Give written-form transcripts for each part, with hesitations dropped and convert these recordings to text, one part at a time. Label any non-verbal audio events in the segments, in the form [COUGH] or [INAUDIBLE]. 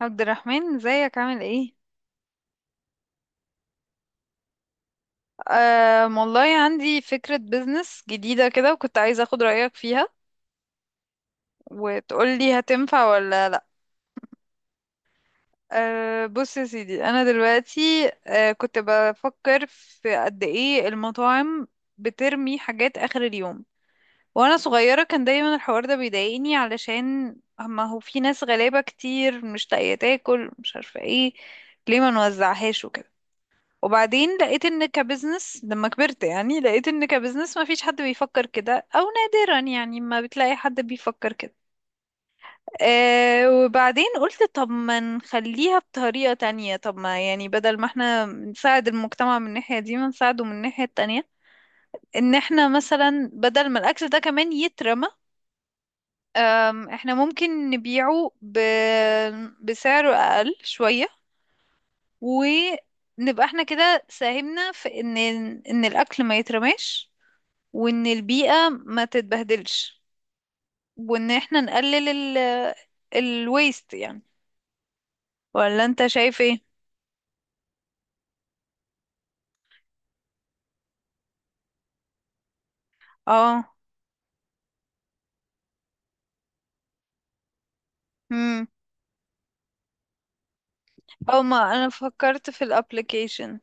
عبد الرحمن، ازيك؟ عامل ايه؟ آه والله عندي فكرة بيزنس جديدة كده، وكنت عايزة اخد رأيك فيها وتقولي هتنفع ولا لا. آه بص يا سيدي، انا دلوقتي كنت بفكر في قد ايه المطاعم بترمي حاجات اخر اليوم. وانا صغيرة كان دايما الحوار ده بيضايقني، علشان ما هو في ناس غلابة كتير مش لاقية تاكل، مش عارفة ايه، ليه ما نوزعهاش وكده. وبعدين لقيت ان كبزنس، لما كبرت يعني، لقيت ان كبزنس ما فيش حد بيفكر كده، او نادرا يعني، ما بتلاقي حد بيفكر كده. آه وبعدين قلت طب ما نخليها بطريقة تانية، طب ما يعني بدل ما احنا نساعد المجتمع من الناحية دي، ما نساعده من الناحية التانية. ان احنا مثلا بدل ما الاكل ده كمان يترمى، احنا ممكن نبيعه بسعر اقل شوية، ونبقى احنا كده ساهمنا في ان ان الاكل ما يترماش، وان البيئة ما تتبهدلش، وان احنا نقلل الويست يعني. ولا انت شايف ايه؟ اه. امم. او ما انا فكرت في الابلكيشن.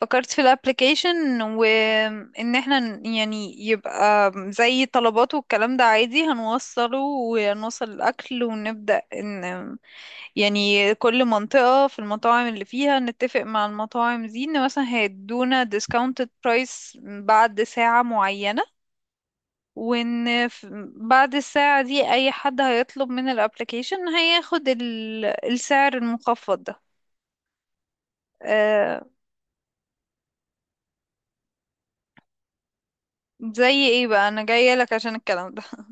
فكرت في الابلكيشن وان احنا يعني يبقى زي طلبات والكلام ده عادي، هنوصله ونوصل الاكل ونبدأ ان يعني كل منطقة في المطاعم اللي فيها نتفق مع المطاعم دي ان مثلا هيدونا discounted price بعد ساعة معينة. وان بعد الساعة دي اي حد هيطلب من الابليكيشن هياخد السعر المخفض ده. آه. زي ايه بقى؟ انا جاية لك عشان الكلام ده [LAUGHS]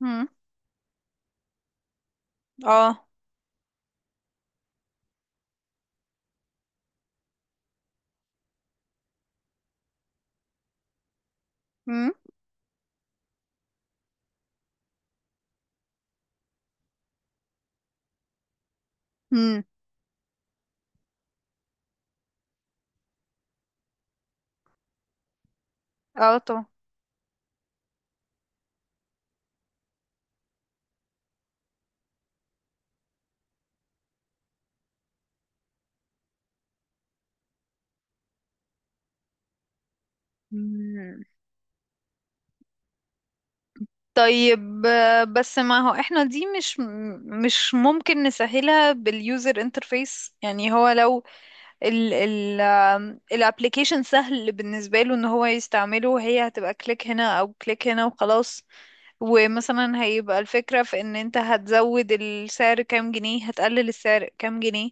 مم. اه. مم. مم. اه طبعا. مم. طيب، بس ما هو احنا دي مش ممكن نسهلها باليوزر انترفيس؟ يعني هو لو ال ال الابليكيشن سهل بالنسبة له ان هو يستعمله، هي هتبقى كليك هنا او كليك هنا وخلاص. ومثلا هيبقى الفكرة في ان انت هتزود السعر كام جنيه، هتقلل السعر كام جنيه.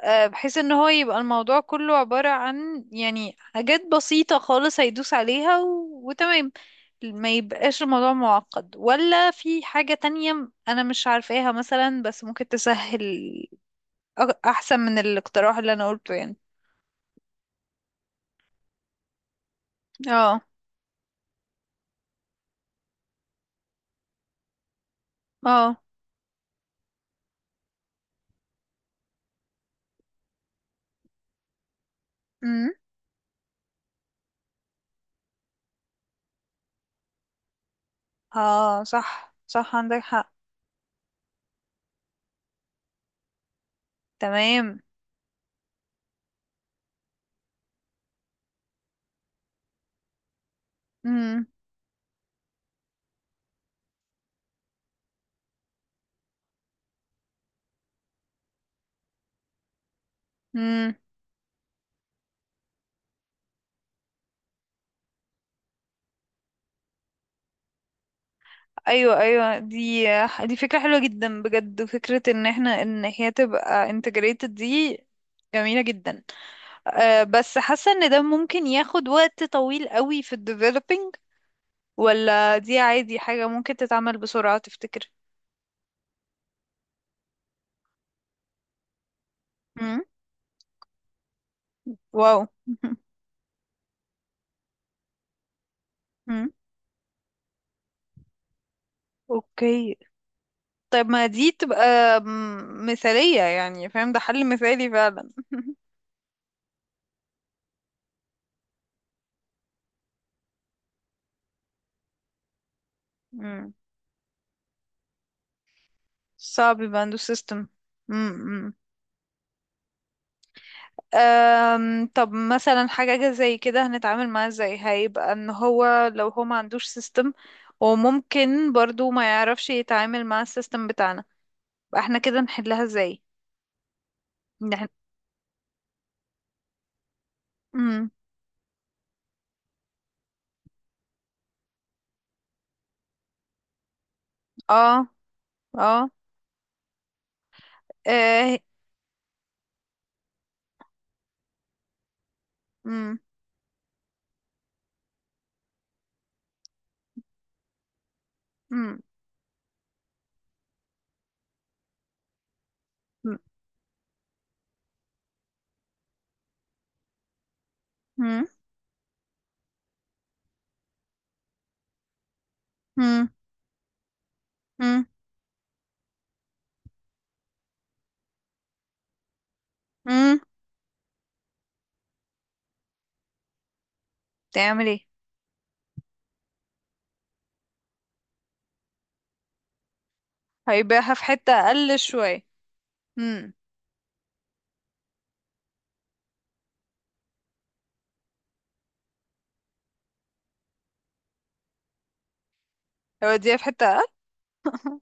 بحيث ان هو يبقى الموضوع كله عبارة عن يعني حاجات بسيطة خالص هيدوس عليها وتمام. ما يبقاش الموضوع معقد، ولا في حاجة تانية انا مش عارفاها مثلا بس ممكن تسهل. احسن من الاقتراح اللي انا قلته يعني. اه. اه. امم. اه صح صح، عندك حق. تمام. امم. امم. ايوه ايوه، دي فكرة حلوة جدا بجد، وفكرة ان احنا ان هي تبقى integrated دي جميلة جدا. أه بس حاسة ان ده ممكن ياخد وقت طويل قوي في ال developing. ولا دي عادي حاجة ممكن تتعمل بسرعة تفتكر؟ امم. واو [LAUGHS] امم. اوكي. طيب ما دي تبقى مثالية يعني، فاهم؟ ده حل مثالي فعلا [LAUGHS] مم. صعب يبقى عنده سيستم. امم. طب مثلا حاجة زي كده هنتعامل معاه ازاي؟ هيبقى ان هو لو هو ما عندوش سيستم، وممكن برضو ما يعرفش يتعامل مع السيستم بتاعنا، يبقى احنا كده نحلها ازاي؟ نحن... امم. اه. اه. اه. امم. امم. امم. امم. امم. امم. تعمل ايه؟ هيبيعها في حتة اقل شوية. امم. هيوديها في حتة اقل [LAUGHS]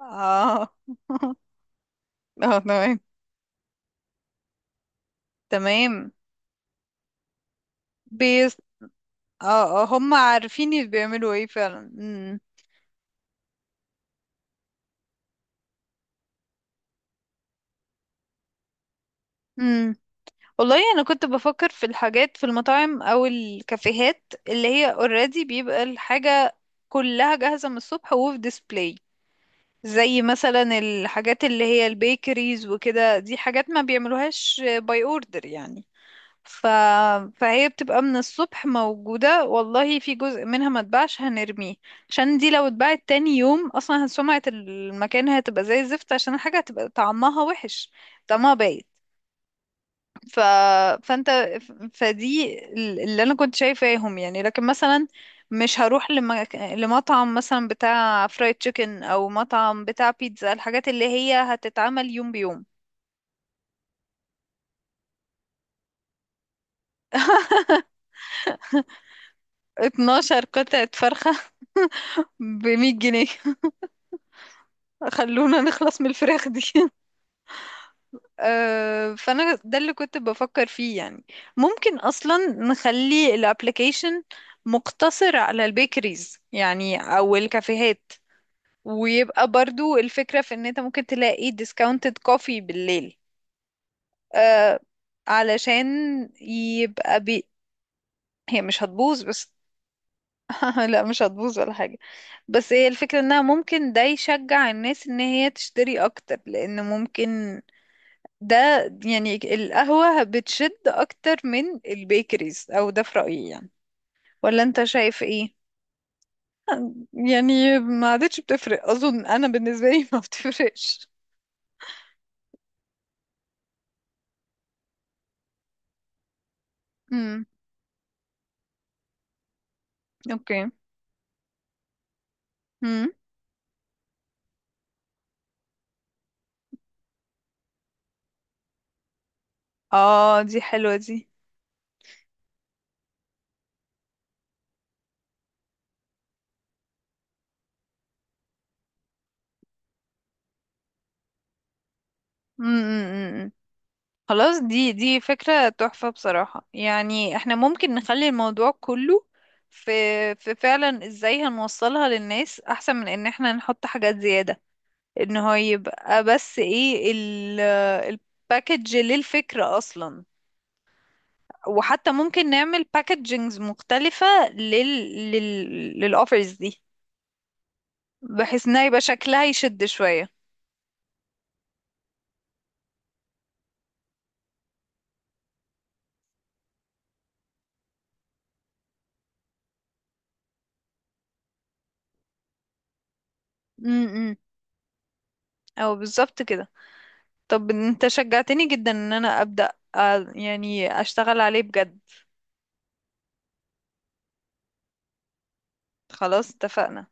اه [LAUGHS] اه تمام. تمام. بيس. اه، آه، هم عارفين اللي بيعملوا ايه فعلا. امم. امم. والله انا كنت بفكر في الحاجات في المطاعم او الكافيهات اللي هي اوريدي بيبقى الحاجة كلها جاهزة من الصبح وفي ديسبلاي. زي مثلا الحاجات اللي هي البيكريز وكده، دي حاجات ما بيعملوهاش باي اوردر يعني. ف... فهي بتبقى من الصبح موجودة، والله في جزء منها ما اتباعش هنرميه. عشان دي لو اتباعت تاني يوم اصلا سمعة المكان هتبقى زي الزفت، عشان الحاجة هتبقى طعمها وحش، طعمها بايت. ف... فانت فدي اللي انا كنت شايفاهم يعني، لكن مثلا مش هروح لمطعم مثلا بتاع فرايد تشيكن او مطعم بتاع بيتزا، الحاجات اللي هي هتتعمل يوم بيوم. 12 قطعة فرخة [LAUGHS] ب100 جنيه. خلونا نخلص من الفراخ دي [LAUGHS] فانا ده اللي كنت بفكر فيه يعني. ممكن اصلا نخلي الابليكيشن مقتصر على البيكريز يعني او الكافيهات. ويبقى برضو الفكرة في ان انت ممكن تلاقي ديسكاونتد كوفي بالليل. آه، علشان يبقى هي مش هتبوظ بس. [LAUGHS] لا مش هتبوظ ولا حاجة. بس هي الفكرة انها ممكن ده يشجع الناس ان هي تشتري اكتر، لان ممكن ده يعني القهوة بتشد أكتر من البيكريز، أو ده في رأيي يعني. ولا أنت شايف إيه؟ يعني ما عادتش بتفرق أظن، أنا بالنسبة لي [LAUGHS] ما بتفرقش. امم. أوكي. امم. آه دي حلوة دي. امم. خلاص، دي فكرة تحفة بصراحة، يعني احنا ممكن نخلي الموضوع كله في في فعلا ازاي هنوصلها للناس أحسن من إن احنا نحط حاجات زيادة. ان هو يبقى بس ايه الباكج للفكرة اصلا؟ وحتى ممكن نعمل باكجينجز مختلفة للأوفرز دي، بحيث انها يبقى شكلها يشد شوية. امم. او بالظبط كده. طب انت شجعتني جدا ان انا ابدأ، يعني اشتغل عليه بجد. خلاص، اتفقنا.